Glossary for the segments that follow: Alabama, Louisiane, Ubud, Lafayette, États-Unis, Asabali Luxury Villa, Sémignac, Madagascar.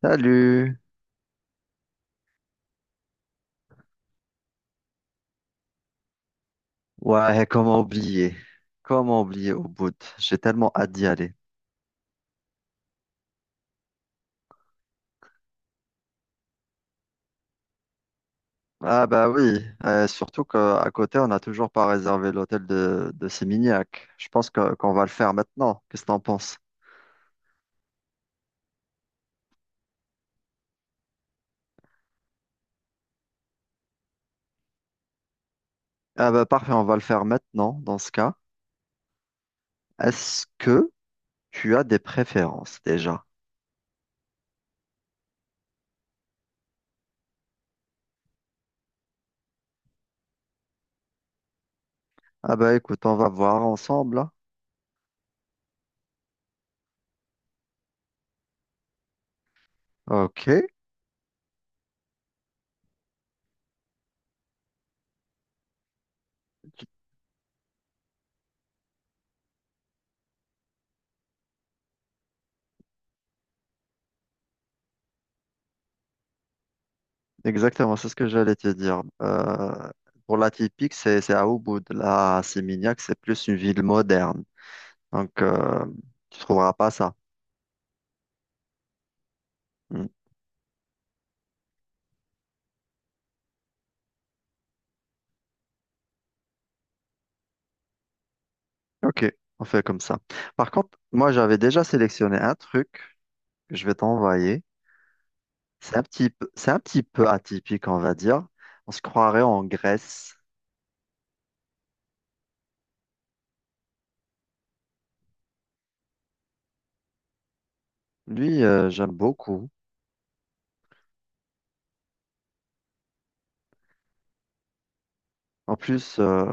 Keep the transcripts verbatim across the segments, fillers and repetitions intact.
Salut! Ouais, comment oublier? Comment oublier au bout? J'ai tellement hâte d'y aller. Ah bah oui, euh, surtout qu'à côté, on n'a toujours pas réservé l'hôtel de, de Sémignac. Je pense que- qu'on va le faire maintenant. Qu'est-ce que t'en penses? Ah bah parfait, on va le faire maintenant dans ce cas. Est-ce que tu as des préférences déjà? Ah bah écoute, on va voir ensemble, hein. Ok, exactement, c'est ce que j'allais te dire. Euh, pour la typique, c'est c'est à Ubud. La Sémignac, c'est plus une ville moderne. Donc, euh, tu trouveras pas ça. Hmm. Ok, on fait comme ça. Par contre, moi, j'avais déjà sélectionné un truc que je vais t'envoyer. C'est un petit peu, c'est un petit peu atypique, on va dire. On se croirait en Grèce. Lui, euh, j'aime beaucoup. En plus, euh,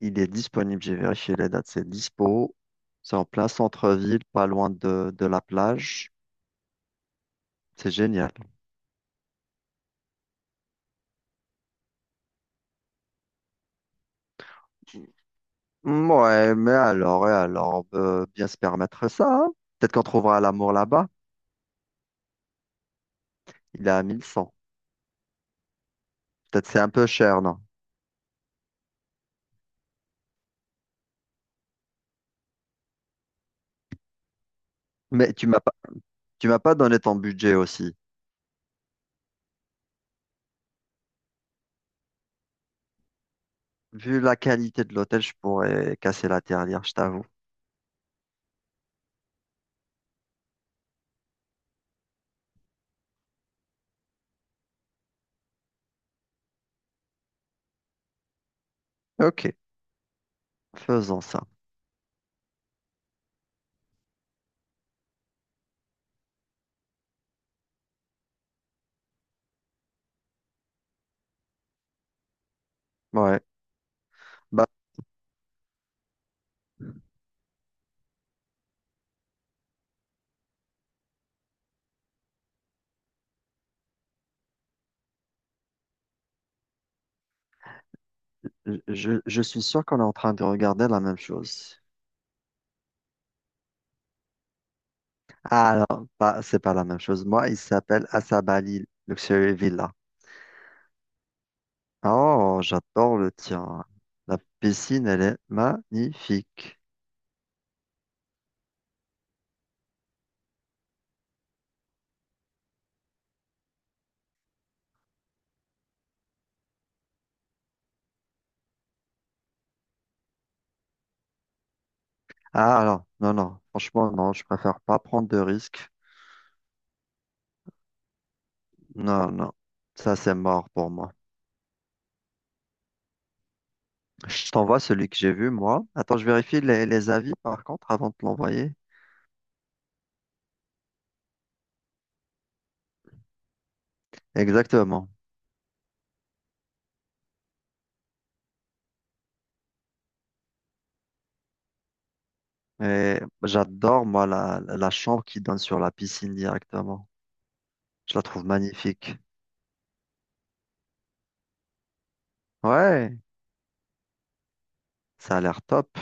il est disponible. J'ai vérifié les dates. C'est dispo. C'est en plein centre-ville, pas loin de, de la plage. C'est génial. Hmm, ouais, mais alors, et alors, on peut bien se permettre ça, hein. Peut-être qu'on trouvera l'amour là-bas. Il est à mille cent. Peut-être c'est un peu cher, non? Mais tu m'as pas, Tu m'as pas donné ton budget aussi. Vu la qualité de l'hôtel, je pourrais casser la tirelire, je t'avoue. Ok, faisons ça. Ouais. Bah, je, je suis sûr qu'on est en train de regarder la même chose. Ah non, pas, c'est pas la même chose. Moi, il s'appelle Asabali Luxury Villa. Oh, j'adore le tien. La piscine, elle est magnifique. Ah alors, non, non, franchement, non, je préfère pas prendre de risques. Non, non, ça c'est mort pour moi. Je t'envoie celui que j'ai vu, moi. Attends, je vérifie les, les avis, par contre, avant de te l'envoyer. Exactement. Et j'adore, moi, la, la chambre qui donne sur la piscine directement. Je la trouve magnifique. Ouais, ça a l'air top.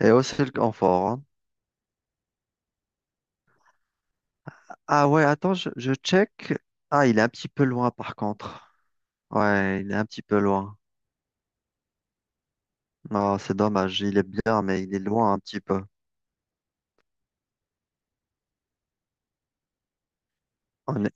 Et aussi le confort, hein. Ah ouais, attends, je, je check. Ah, il est un petit peu loin, par contre. Ouais, il est un petit peu loin. Non, c'est dommage. Il est bien, mais il est loin un petit peu. On est-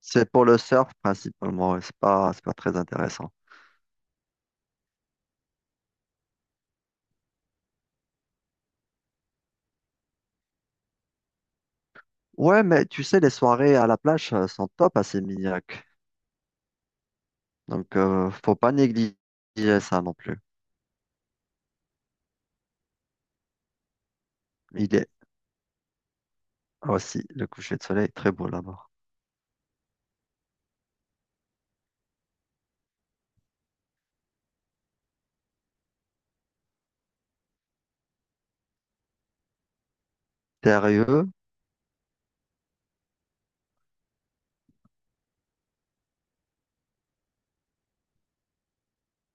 C'est pour le surf, principalement, et c'est pas, c'est pas très intéressant. Ouais, mais tu sais, les soirées à la plage euh, sont top à Sémignac. Donc, euh, faut pas négliger ça non plus. Il est aussi, le coucher de soleil est très beau là-bas. Sérieux?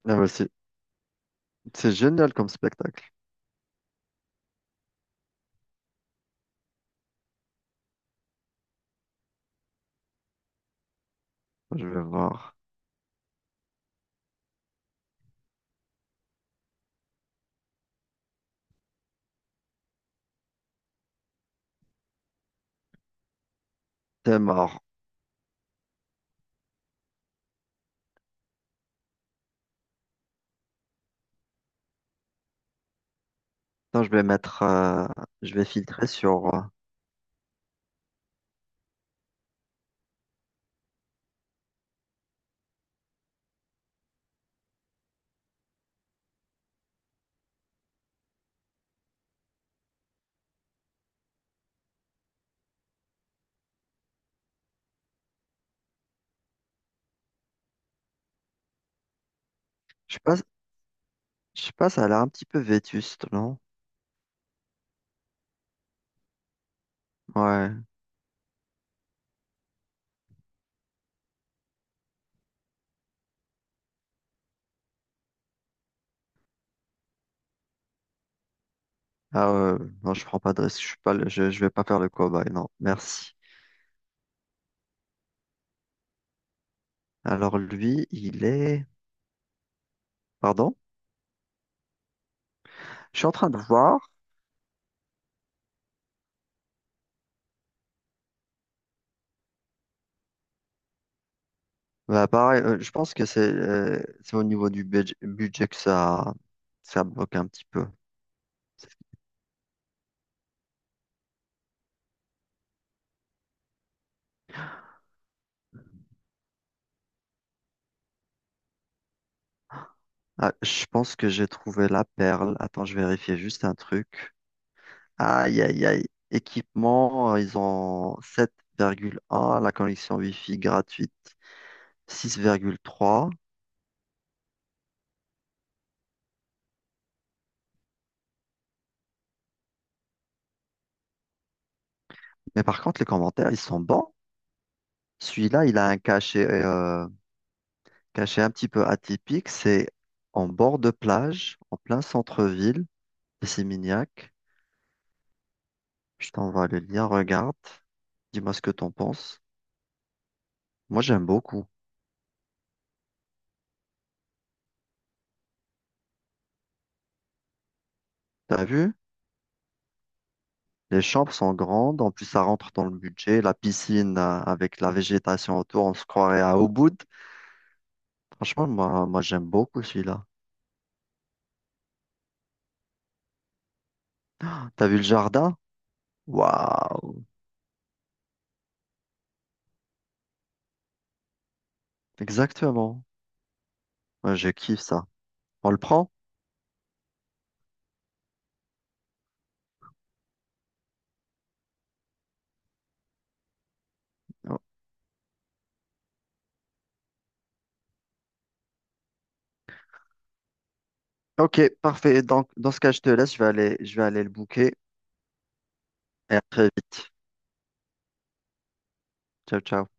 Ah ouais, c'est c'est génial comme spectacle. Je vais voir. T'es mort. Attends, je vais mettre, euh, Je vais filtrer sur. Euh, je sais pas, je sais pas, ça a l'air un petit peu vétuste, non? Ouais. Ah ouais, non, je prends pas de risque. Je suis pas, le- je, je vais pas faire le cobaye, non. Merci. Alors lui, il est. Pardon? Je suis en train de voir. Bah, pareil, euh, je pense que c'est euh, c'est au niveau du budg- budget que ça, ça bloque un petit peu. Ah, je pense que j'ai trouvé la perle. Attends, je vérifie juste un truc. Aïe, aïe, aïe. Équipement, euh, ils ont sept virgule un, la connexion Wi-Fi gratuite six virgule trois. Mais par contre, les commentaires, ils sont bons. Celui-là, il a un cachet, euh, cachet un petit peu atypique. C'est en bord de plage, en plein centre-ville, et c'est mignac. Je t'envoie le lien, regarde. Dis-moi ce que t'en penses. Moi, j'aime beaucoup. T'as vu? Les chambres sont grandes, en plus ça rentre dans le budget. La piscine euh, avec la végétation autour, on se croirait à Ubud. Franchement, moi, moi j'aime beaucoup celui-là. T'as vu le jardin? Waouh! Exactement. Moi, je kiffe ça. On le prend? Ok, parfait. Donc, dans ce cas, je te laisse. Je vais aller, je vais aller le booker. Et à très vite. Ciao, ciao.